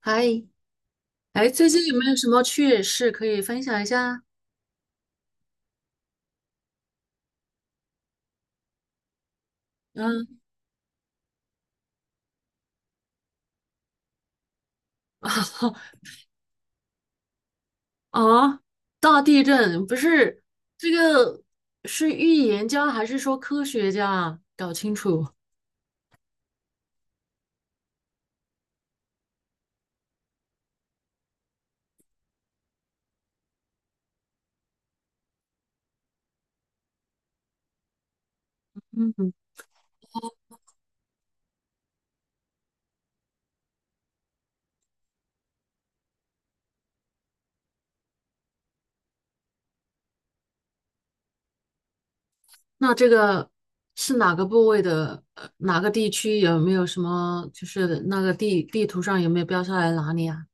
嗨，哎，最近有没有什么趣事可以分享一下？嗯。啊，大地震不是这个是预言家还是说科学家啊？搞清楚。嗯，那这个是哪个部位的？哪个地区有没有什么？就是那个地图上有没有标下来哪里啊？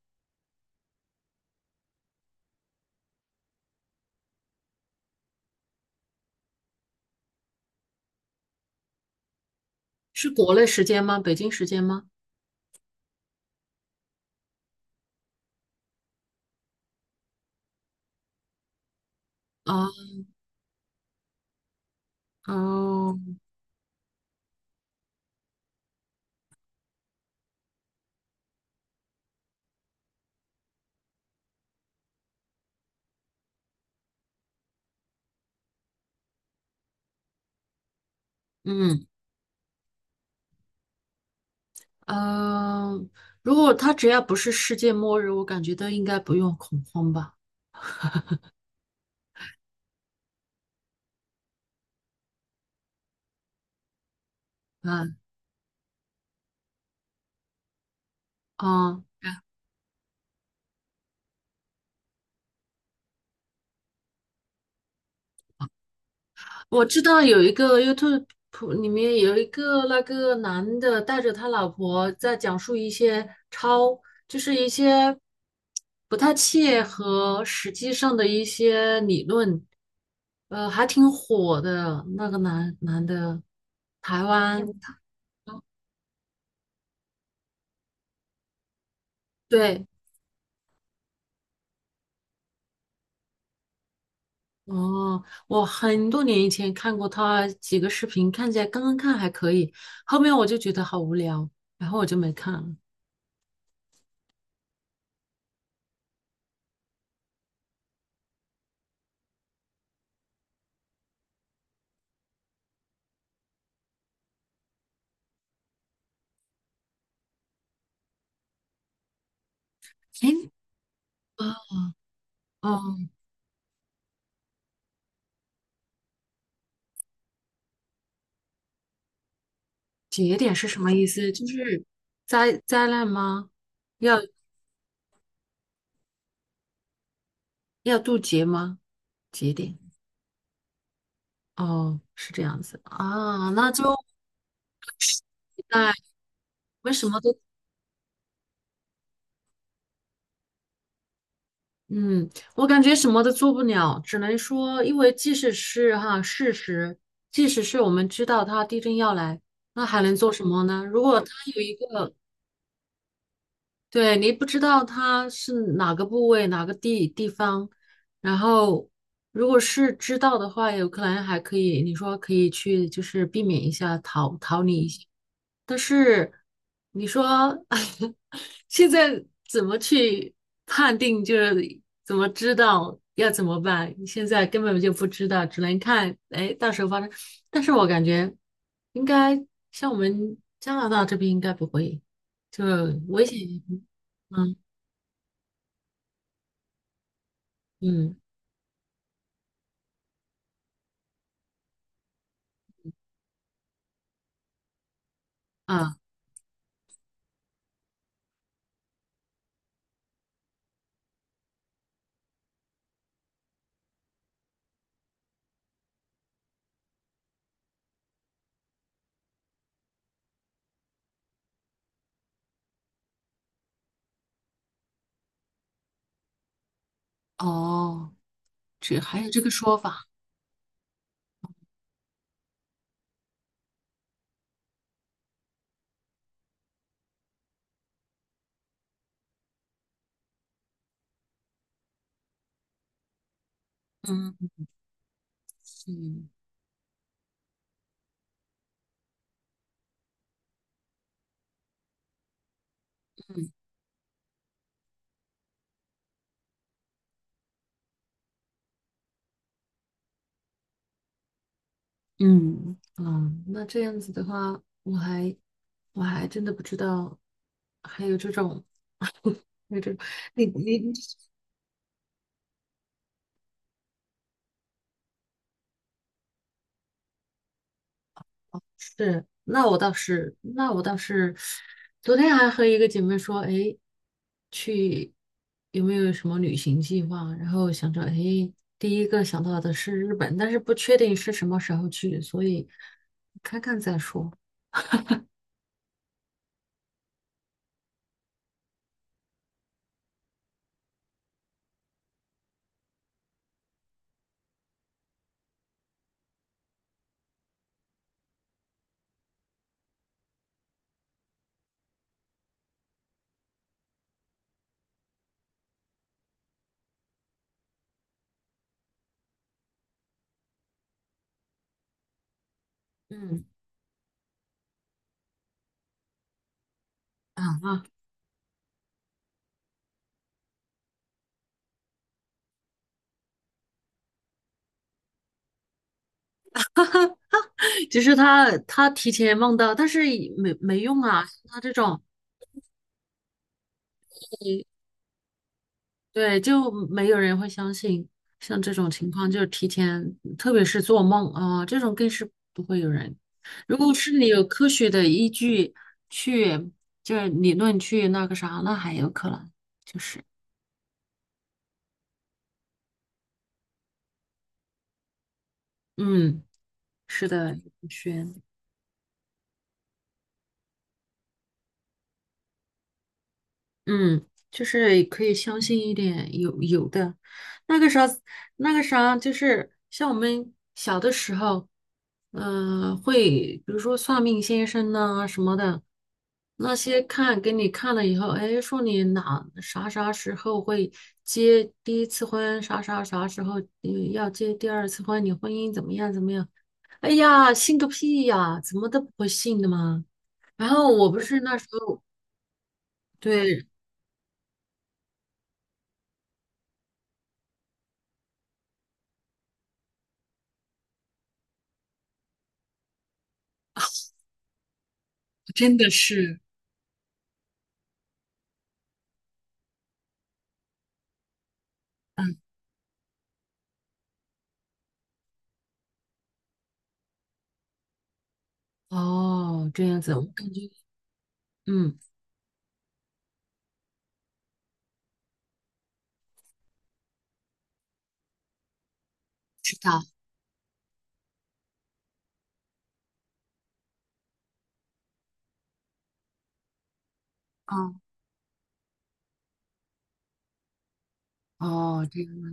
是国内时间吗？北京时间吗？啊，哦，嗯。嗯，如果他只要不是世界末日，我感觉都应该不用恐慌吧。啊啊，我知道有一个 YouTube 里面有一个那个男的带着他老婆在讲述一些超，就是一些不太切合实际上的一些理论，还挺火的那个男的，台湾，对。哦，我很多年以前看过他几个视频，看起来刚刚看还可以，后面我就觉得好无聊，然后我就没看了。哎，哦，节点是什么意思？就是灾难吗？要要渡劫吗？节点？哦，是这样子啊，那就在为什么都嗯，我感觉什么都做不了，只能说，因为即使是哈事实，即使是我们知道它地震要来，那还能做什么呢？如果它有一个，对，你不知道它是哪个部位、哪个地方，然后如果是知道的话，有可能还可以，你说可以去就是避免一下，逃离一下。但是你说 现在怎么去判定，就是怎么知道要怎么办？现在根本就不知道，只能看，哎，到时候发生。但是我感觉应该像我们加拿大这边应该不会，就危险嗯嗯嗯啊。哦，这还有这个说法，嗯嗯。嗯，啊，那这样子的话，我还真的不知道还有这种，有这种，你是，那我倒是，昨天还和一个姐妹说，哎，去有没有什么旅行计划？然后想着，哎，第一个想到的是日本，但是不确定是什么时候去，所以看看再说。嗯啊。其实他提前梦到，但是也没用啊。像他这种，对，就没有人会相信。像这种情况，就是提前，特别是做梦啊，这种更是不会有人。如果是你有科学的依据去，就是理论去那个啥，那还有可能。就是，嗯，是的，轩。嗯，就是可以相信一点，有的，那个啥，那个啥，就是像我们小的时候，嗯、会比如说算命先生呐、什么的，那些看给你看了以后，哎，说你哪啥啥时候会结第一次婚，啥啥啥时候嗯要结第二次婚，你婚姻怎么样怎么样？哎呀，信个屁呀，怎么都不会信的嘛。然后我不是那时候，对，真的是。哦，这样子，我感觉，嗯，知道，哦。哦，这样啊，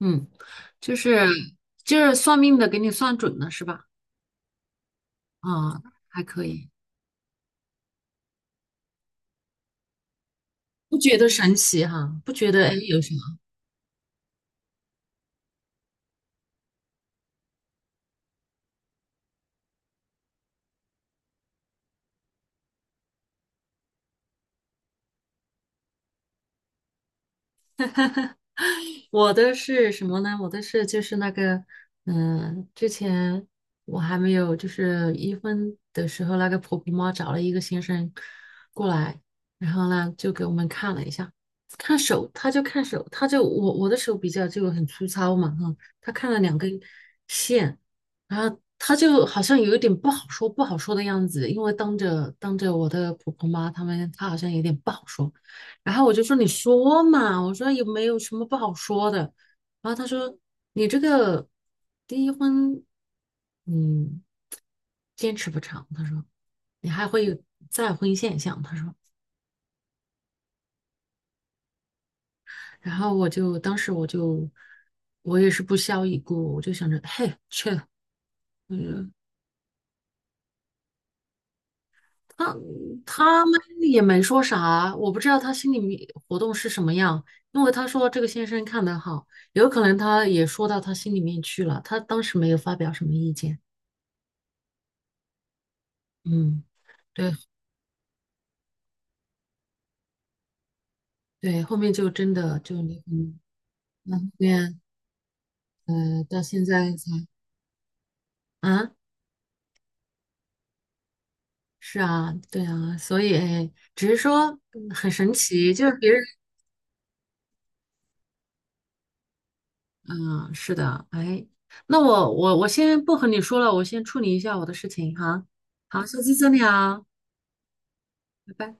嗯，就是就是算命的给你算准了是吧？啊、还可以，不觉得神奇哈、不觉得哎有什 我的是什么呢？我的是就是那个，嗯、之前我还没有就是一婚的时候，那个婆婆妈找了一个先生过来，然后呢就给我们看了一下，看手，他就看手，他就我的手比较就很粗糙嘛，哈，他看了两根线，然后他就好像有一点不好说的样子，因为当着我的婆婆妈他们，他好像有点不好说。然后我就说你说嘛，我说有没有什么不好说的？然后他说你这个第一婚，嗯，坚持不长。他说你还会有再婚现象。他说，然后当时我也是不屑一顾，我就想着嘿去，嗯，他他们也没说啥，我不知道他心里面活动是什么样，因为他说这个先生看的好。有可能他也说到他心里面去了，他当时没有发表什么意见。嗯，对对，后面就真的就离婚，那后面到现在才啊，是啊，对啊，所以只是说嗯很神奇，就是别人嗯、是的，哎，那我先不和你说了，我先处理一下我的事情哈，好，下次再聊，拜拜。